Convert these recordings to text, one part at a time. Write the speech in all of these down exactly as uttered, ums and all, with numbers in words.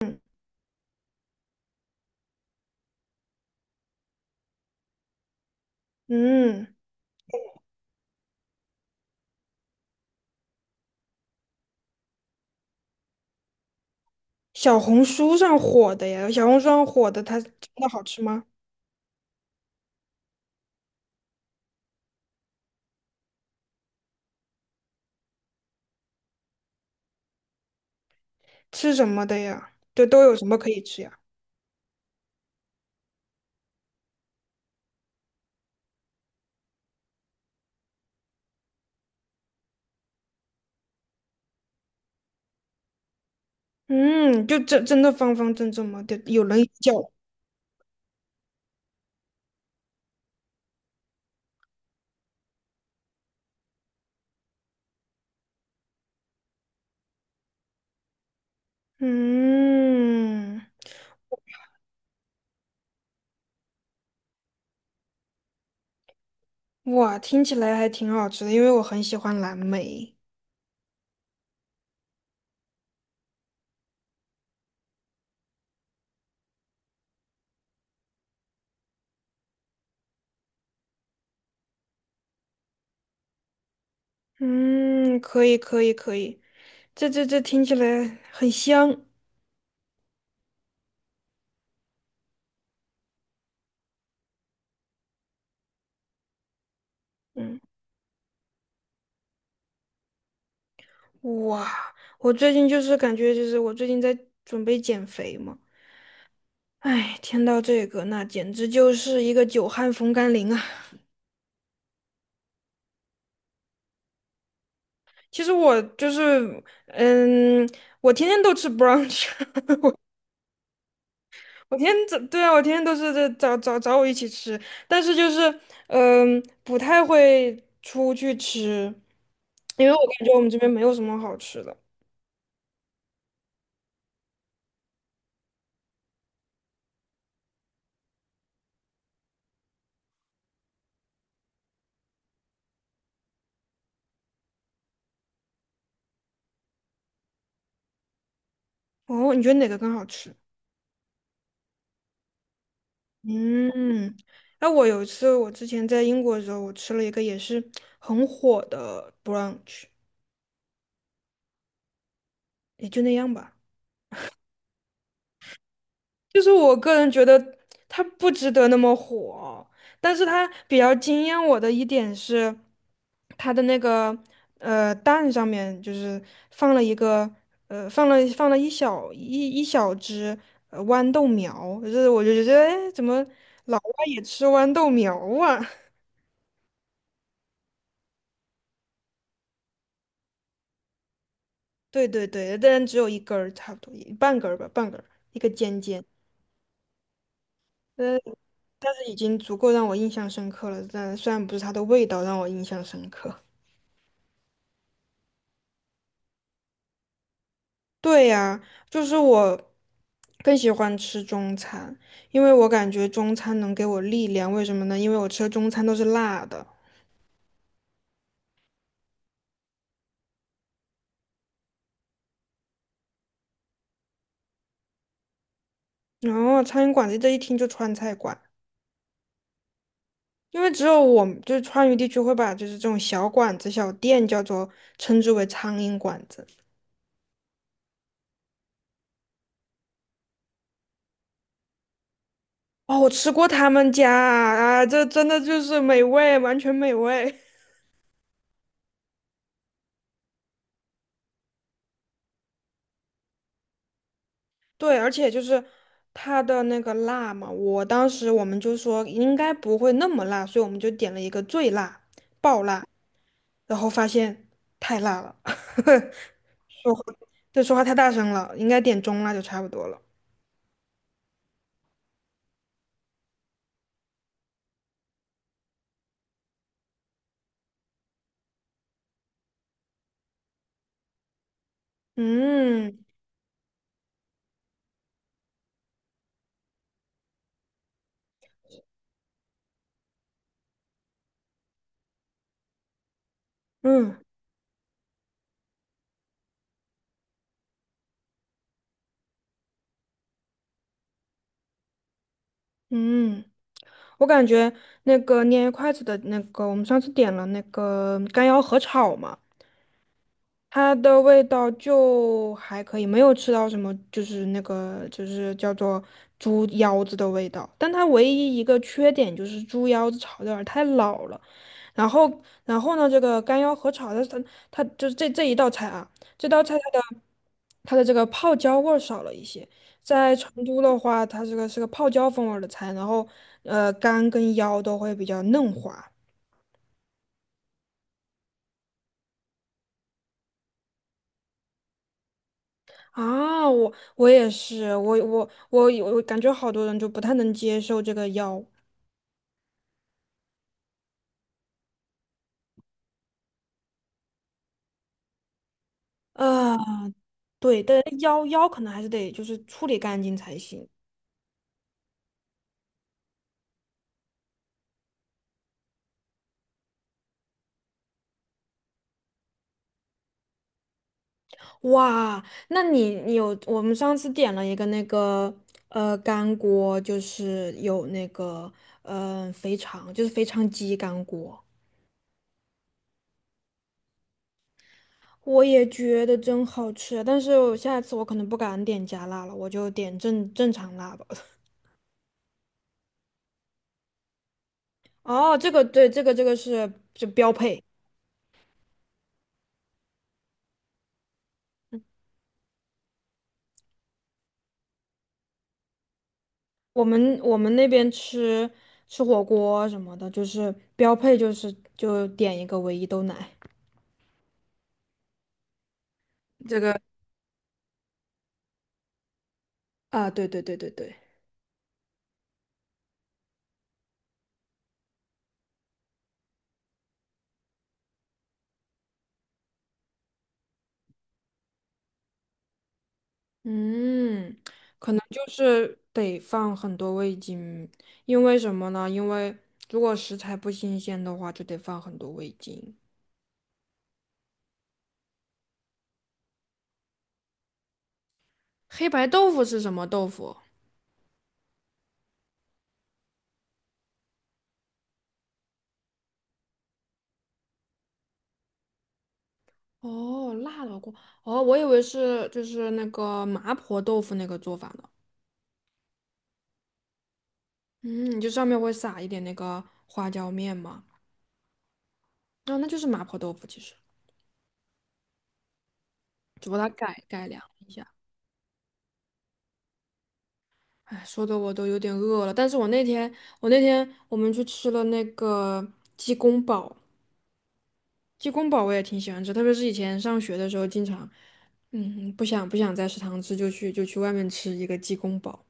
嗯，嗯小红书上火的呀，小红书上火的，它真的好吃吗？吃什么的呀？对，都有什么可以吃呀？嗯，就真真的方方正正吗？对，有人叫。嗯，哇，听起来还挺好吃的，因为我很喜欢蓝莓。嗯，可以，可以，可以，这这这听起来很香。嗯，哇，我最近就是感觉就是我最近在准备减肥嘛。哎，听到这个，那简直就是一个久旱逢甘霖啊！其实我就是，嗯，我天天都吃 brunch，我天天早，对啊，我天天都是这找找找我一起吃，但是就是，嗯，不太会出去吃，因为我感觉我们这边没有什么好吃的。哦，你觉得哪个更好吃？嗯，那我有一次，我之前在英国的时候，我吃了一个也是很火的 brunch，也就那样吧。就是我个人觉得它不值得那么火，但是它比较惊艳我的一点是，它的那个呃蛋上面就是放了一个呃放了放了一小一一小只呃豌豆苗，就是我就觉得哎怎么也吃豌豆苗啊？对对对，但只有一根儿差不多，一半根儿吧，半根儿，一个尖尖，呃，但是已经足够让我印象深刻了。但虽然不是它的味道让我印象深刻。对呀，就是我更喜欢吃中餐，因为我感觉中餐能给我力量。为什么呢？因为我吃的中餐都是辣的，然后苍蝇馆子这一听就川菜馆，因为只有我们就是川渝地区会把就是这种小馆子、小店叫做称之为苍蝇馆子。哦，我吃过他们家啊，啊这真的就是美味，完全美味。对，而且就是它的那个辣嘛，我当时我们就说应该不会那么辣，所以我们就点了一个最辣，爆辣，然后发现太辣了，说话，对，说话太大声了，应该点中辣就差不多了。嗯嗯嗯，我感觉那个捏筷子的那个，我们上次点了那个干腰合炒嘛。它的味道就还可以，没有吃到什么，就是那个就是叫做猪腰子的味道。但它唯一一个缺点就是猪腰子炒的有点儿太老了。然后，然后呢，这个干腰合炒的，它它就是这这一道菜啊，这道菜它的它的这个泡椒味儿少了一些。在成都的话，它这个是个泡椒风味儿的菜，然后呃，肝跟腰都会比较嫩滑。啊，我我也是，我我我有我感觉好多人就不太能接受这个腰啊，对，但腰腰可能还是得就是处理干净才行。哇，那你你有我们上次点了一个那个呃干锅，就是有那个呃肥肠，就是肥肠鸡干锅，我也觉得真好吃啊，但是我下次我可能不敢点加辣了，我就点正正常辣吧。哦，这个对，这个这个是就标配。我们我们那边吃吃火锅什么的，就是标配就是就点一个唯一豆奶。这个啊，对对对对对，嗯，可能就是得放很多味精，因为什么呢？因为如果食材不新鲜的话，就得放很多味精。黑白豆腐是什么豆腐？哦，辣的锅。哦，我以为是就是那个麻婆豆腐那个做法呢。嗯，就上面会撒一点那个花椒面嘛。哦，那就是麻婆豆腐，其实只不过它改改良一下。哎，说的我都有点饿了。但是我那天，我那天我们去吃了那个鸡公煲，鸡公煲我也挺喜欢吃，特别是以前上学的时候，经常，嗯，不想不想在食堂吃，就去就去外面吃一个鸡公煲，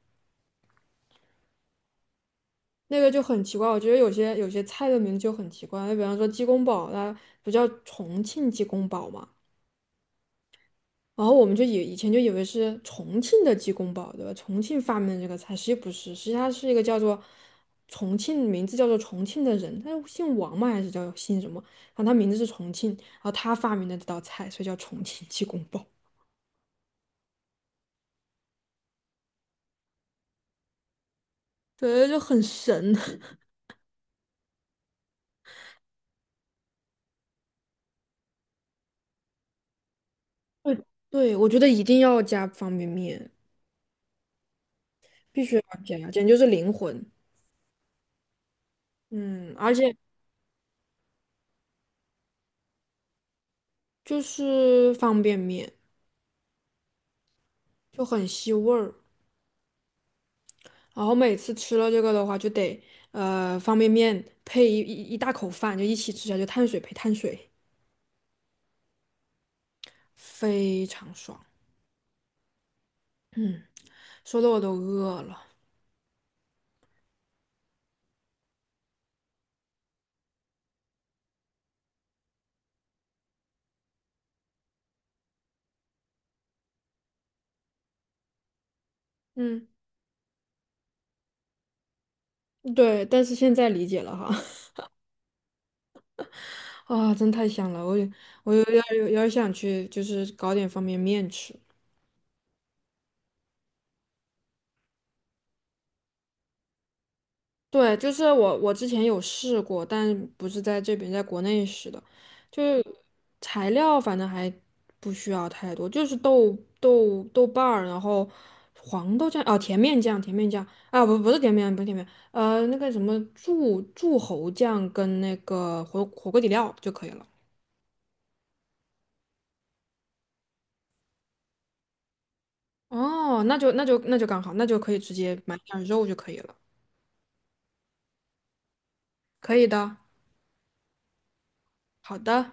那个就很奇怪。我觉得有些有些菜的名字就很奇怪，比方说鸡公煲，它不叫重庆鸡公煲吗？然后我们就以以前就以为是重庆的鸡公煲，对吧？重庆发明的这个菜，实际不是，实际它是一个叫做重庆，名字叫做重庆的人，他姓王嘛，还是叫姓什么？然后他名字是重庆，然后他发明的这道菜，所以叫重庆鸡公煲。对，就很神。对，对，我觉得一定要加方便面，必须要加，简直就是灵魂。嗯，而且就是方便面就很吸味儿。然后每次吃了这个的话，就得呃方便面配一一一大口饭，就一起吃下去，碳水配碳水，非常爽。嗯，说的我都饿了。嗯，对，但是现在理解了哈，啊，真太香了，我有我有点有点想去，就是搞点方便面吃。对，就是我我之前有试过，但不是在这边，在国内试的，就是材料反正还不需要太多，就是豆豆豆瓣儿，然后黄豆酱哦，甜面酱，甜面酱啊，不不是甜面酱，不是甜面，呃，那个什么柱柱侯酱跟那个火火锅底料就可以了。哦，那就那就那就刚好，那就可以直接买点儿肉就可以了。可以的，好的。